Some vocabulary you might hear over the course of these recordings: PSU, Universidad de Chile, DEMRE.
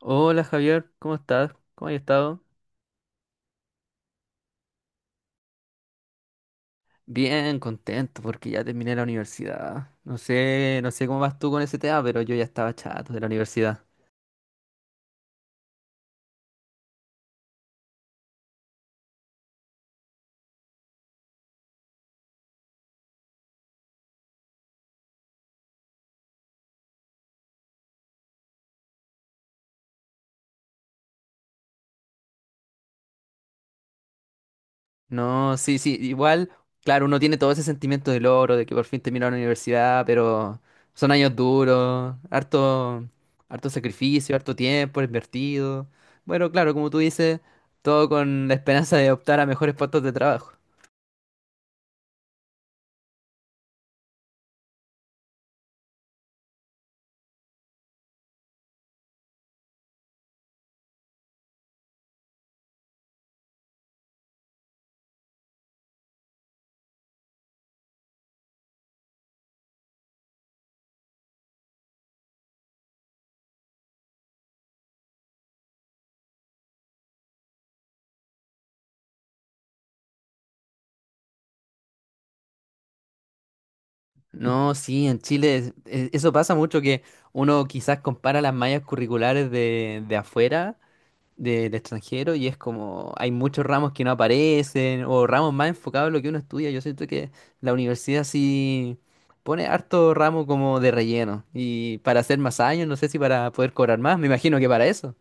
Hola Javier, ¿cómo estás? ¿Cómo has estado? Bien, contento porque ya terminé la universidad. No sé cómo vas tú con ese tema, pero yo ya estaba chato de la universidad. No, sí, igual, claro, uno tiene todo ese sentimiento de logro, de que por fin terminó la universidad, pero son años duros, harto sacrificio, harto tiempo invertido. Bueno, claro, como tú dices, todo con la esperanza de optar a mejores puestos de trabajo. No, sí, en Chile eso pasa mucho que uno quizás compara las mallas curriculares de afuera, de extranjero, y es como hay muchos ramos que no aparecen o ramos más enfocados en lo que uno estudia. Yo siento que la universidad sí pone harto ramo como de relleno y para hacer más años, no sé si para poder cobrar más, me imagino que para eso.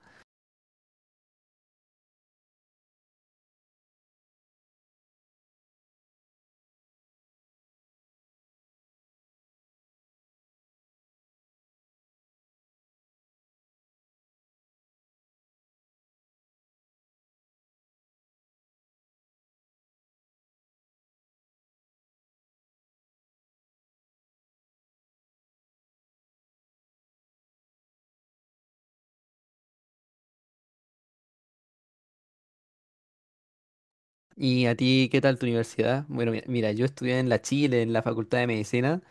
¿Y a ti qué tal tu universidad? Bueno, mira, yo estudié en la Chile, en la Facultad de Medicina,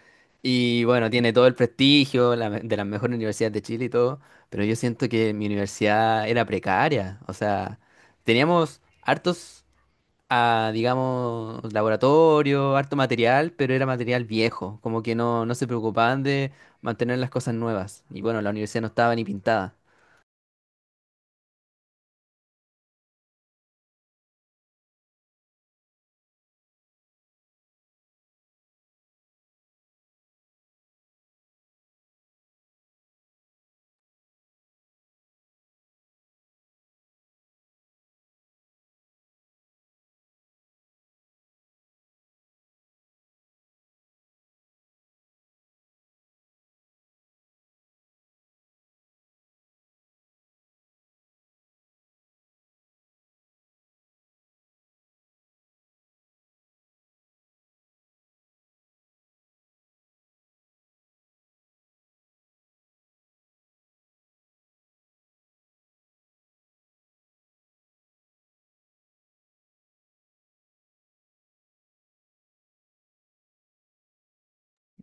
y bueno, tiene todo el prestigio la de las mejores universidades de Chile y todo, pero yo siento que mi universidad era precaria, o sea, teníamos hartos, digamos, laboratorio, harto material, pero era material viejo, como que no se preocupaban de mantener las cosas nuevas, y bueno, la universidad no estaba ni pintada.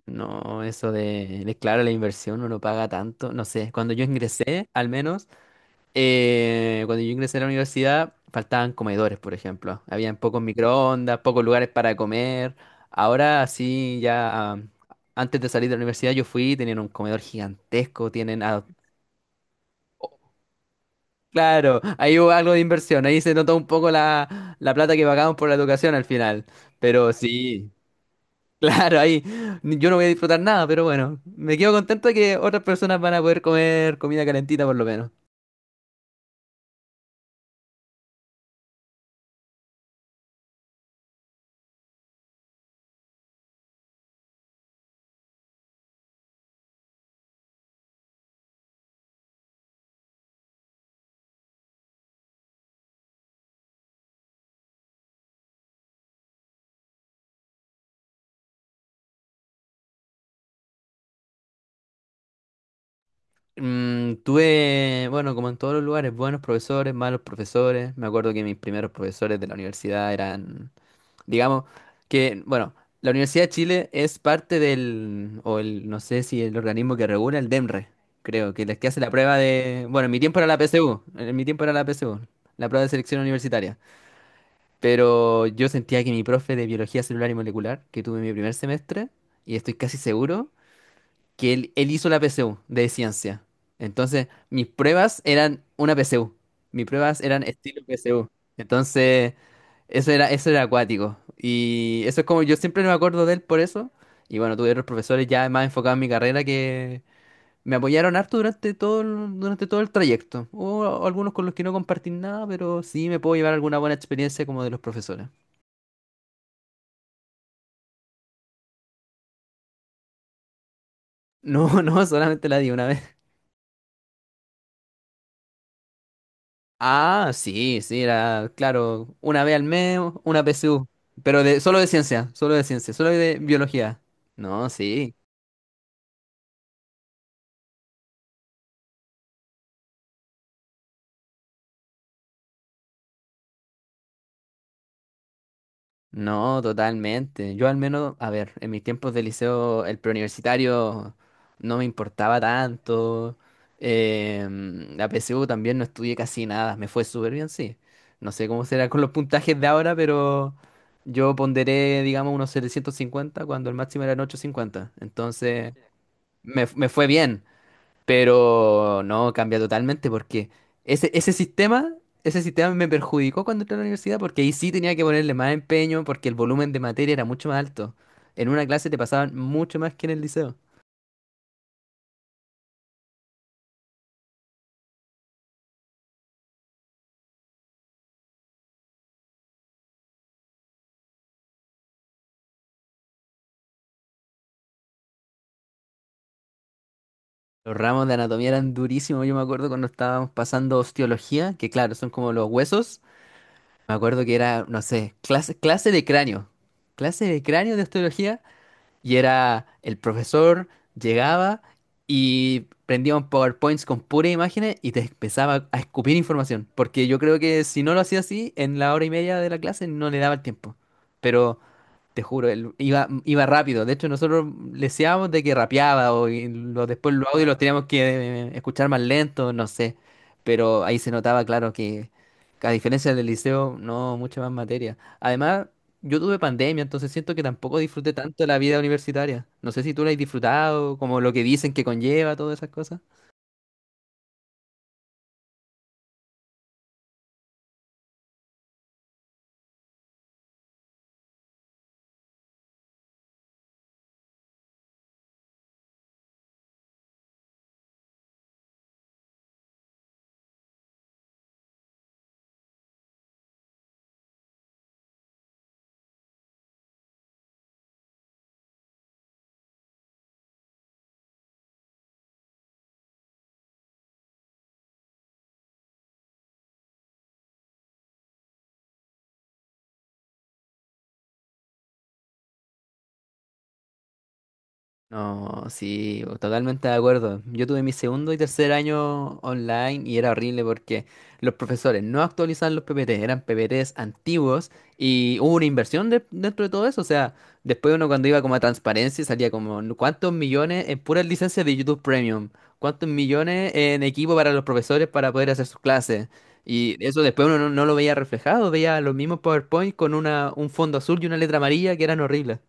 No, eso de claro, la inversión uno paga tanto, no sé, cuando yo ingresé, al menos... Cuando yo ingresé a la universidad, faltaban comedores, por ejemplo. Habían pocos microondas, pocos lugares para comer. Ahora sí, antes de salir de la universidad yo fui, tenían un comedor gigantesco, tienen... Claro, ahí hubo algo de inversión, ahí se notó un poco la plata que pagamos por la educación al final. Pero sí, claro, ahí yo no voy a disfrutar nada, pero bueno, me quedo contento de que otras personas van a poder comer comida calentita por lo menos. Tuve, bueno, como en todos los lugares, buenos profesores, malos profesores. Me acuerdo que mis primeros profesores de la universidad eran, digamos, que, bueno, la Universidad de Chile es parte del, o el, no sé si el organismo que regula, el DEMRE, creo, que es que hace la prueba de, bueno, en mi tiempo era la PSU, en mi tiempo era la PSU, la prueba de selección universitaria. Pero yo sentía que mi profe de biología celular y molecular, que tuve en mi primer semestre, y estoy casi seguro que él hizo la PSU de ciencia. Entonces, mis pruebas eran una PSU. Mis pruebas eran estilo PSU. Entonces, eso era acuático. Y eso es como yo siempre me acuerdo de él por eso. Y bueno, tuve otros profesores ya más enfocados en mi carrera que me apoyaron harto durante todo el trayecto. Hubo algunos con los que no compartí nada, pero sí me puedo llevar alguna buena experiencia como de los profesores. No, no, solamente la di una vez. Ah, sí, sí, era, claro, una vez al mes, una PSU, pero de, solo de ciencia, solo de biología. No, sí, no, totalmente. Yo al menos, a ver, en mis tiempos de liceo, el preuniversitario no me importaba tanto. La PSU también no estudié casi nada, me fue súper bien, sí. No sé cómo será con los puntajes de ahora, pero yo ponderé, digamos, unos 750 cuando el máximo eran 850. Entonces... Me fue bien. Pero no, cambia totalmente porque ese, ese sistema, ese sistema me perjudicó cuando entré a la universidad porque ahí sí tenía que ponerle más empeño porque el volumen de materia era mucho más alto. En una clase te pasaban mucho más que en el liceo. Los ramos de anatomía eran durísimos. Yo me acuerdo cuando estábamos pasando osteología, que claro, son como los huesos. Me acuerdo que era, no sé, clase de cráneo. Clase de cráneo de osteología. Y era el profesor, llegaba y prendía un PowerPoint con puras imágenes y te empezaba a escupir información. Porque yo creo que si no lo hacía así, en la hora y media de la clase no le daba el tiempo. Pero te juro, él iba rápido. De hecho, nosotros leseábamos de que rapeaba después los audios los teníamos que escuchar más lento, no sé. Pero ahí se notaba, claro, que a diferencia del liceo, no, mucha más materia. Además, yo tuve pandemia, entonces siento que tampoco disfruté tanto la vida universitaria. No sé si tú la has disfrutado, como lo que dicen que conlleva, todas esas cosas. No, sí, totalmente de acuerdo. Yo tuve mi segundo y tercer año online y era horrible porque los profesores no actualizaban los PPT, eran PPTs antiguos y hubo una dentro de todo eso. O sea, después uno cuando iba como a transparencia salía como "No, cuántos millones en puras licencias de YouTube Premium, cuántos millones en equipo para los profesores para poder hacer sus clases". Y eso después uno no lo veía reflejado, veía los mismos PowerPoint con un fondo azul y una letra amarilla que eran horribles.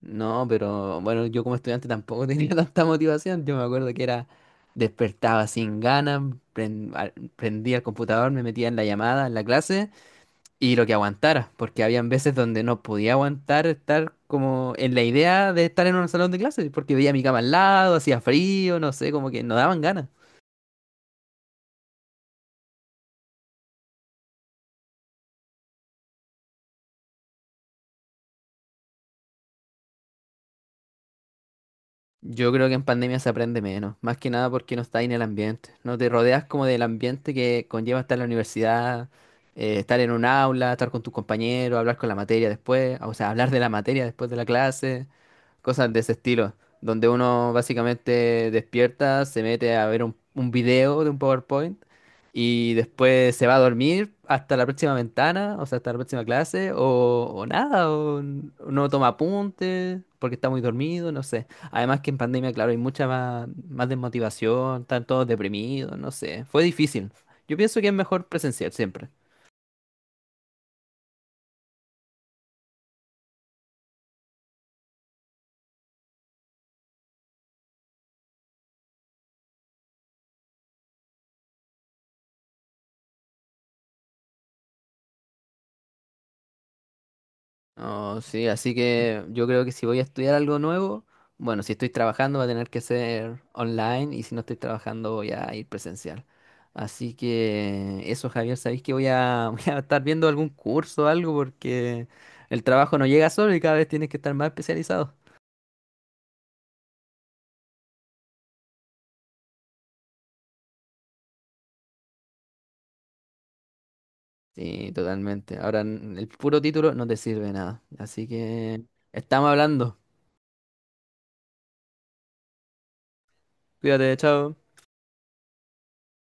No, pero bueno, yo como estudiante tampoco tenía tanta motivación. Yo me acuerdo que era despertaba sin ganas, prendía el computador, me metía en la llamada, en la clase y lo que aguantara, porque habían veces donde no podía aguantar estar como en la idea de estar en un salón de clases, porque veía mi cama al lado, hacía frío, no sé, como que no daban ganas. Yo creo que en pandemia se aprende menos, más que nada porque no estás en el ambiente, no te rodeas como del ambiente que conlleva estar en la universidad, estar en un aula, estar con tus compañeros, hablar con la materia después, o sea, hablar de la materia después de la clase, cosas de ese estilo, donde uno básicamente despierta, se mete a ver un video de un PowerPoint y después se va a dormir hasta la próxima ventana, o sea, hasta la próxima clase, o nada, no toma apuntes porque está muy dormido, no sé. Además que en pandemia, claro, hay mucha más desmotivación, están todos deprimidos, no sé. Fue difícil. Yo pienso que es mejor presencial siempre. Oh, sí, así que yo creo que si voy a estudiar algo nuevo, bueno, si estoy trabajando va a tener que ser online y si no estoy trabajando voy a ir presencial. Así que eso, Javier, sabéis que voy voy a estar viendo algún curso o algo porque el trabajo no llega solo y cada vez tienes que estar más especializado. Sí, totalmente. Ahora el puro título no te sirve de nada. Así que estamos hablando. Cuídate, chao.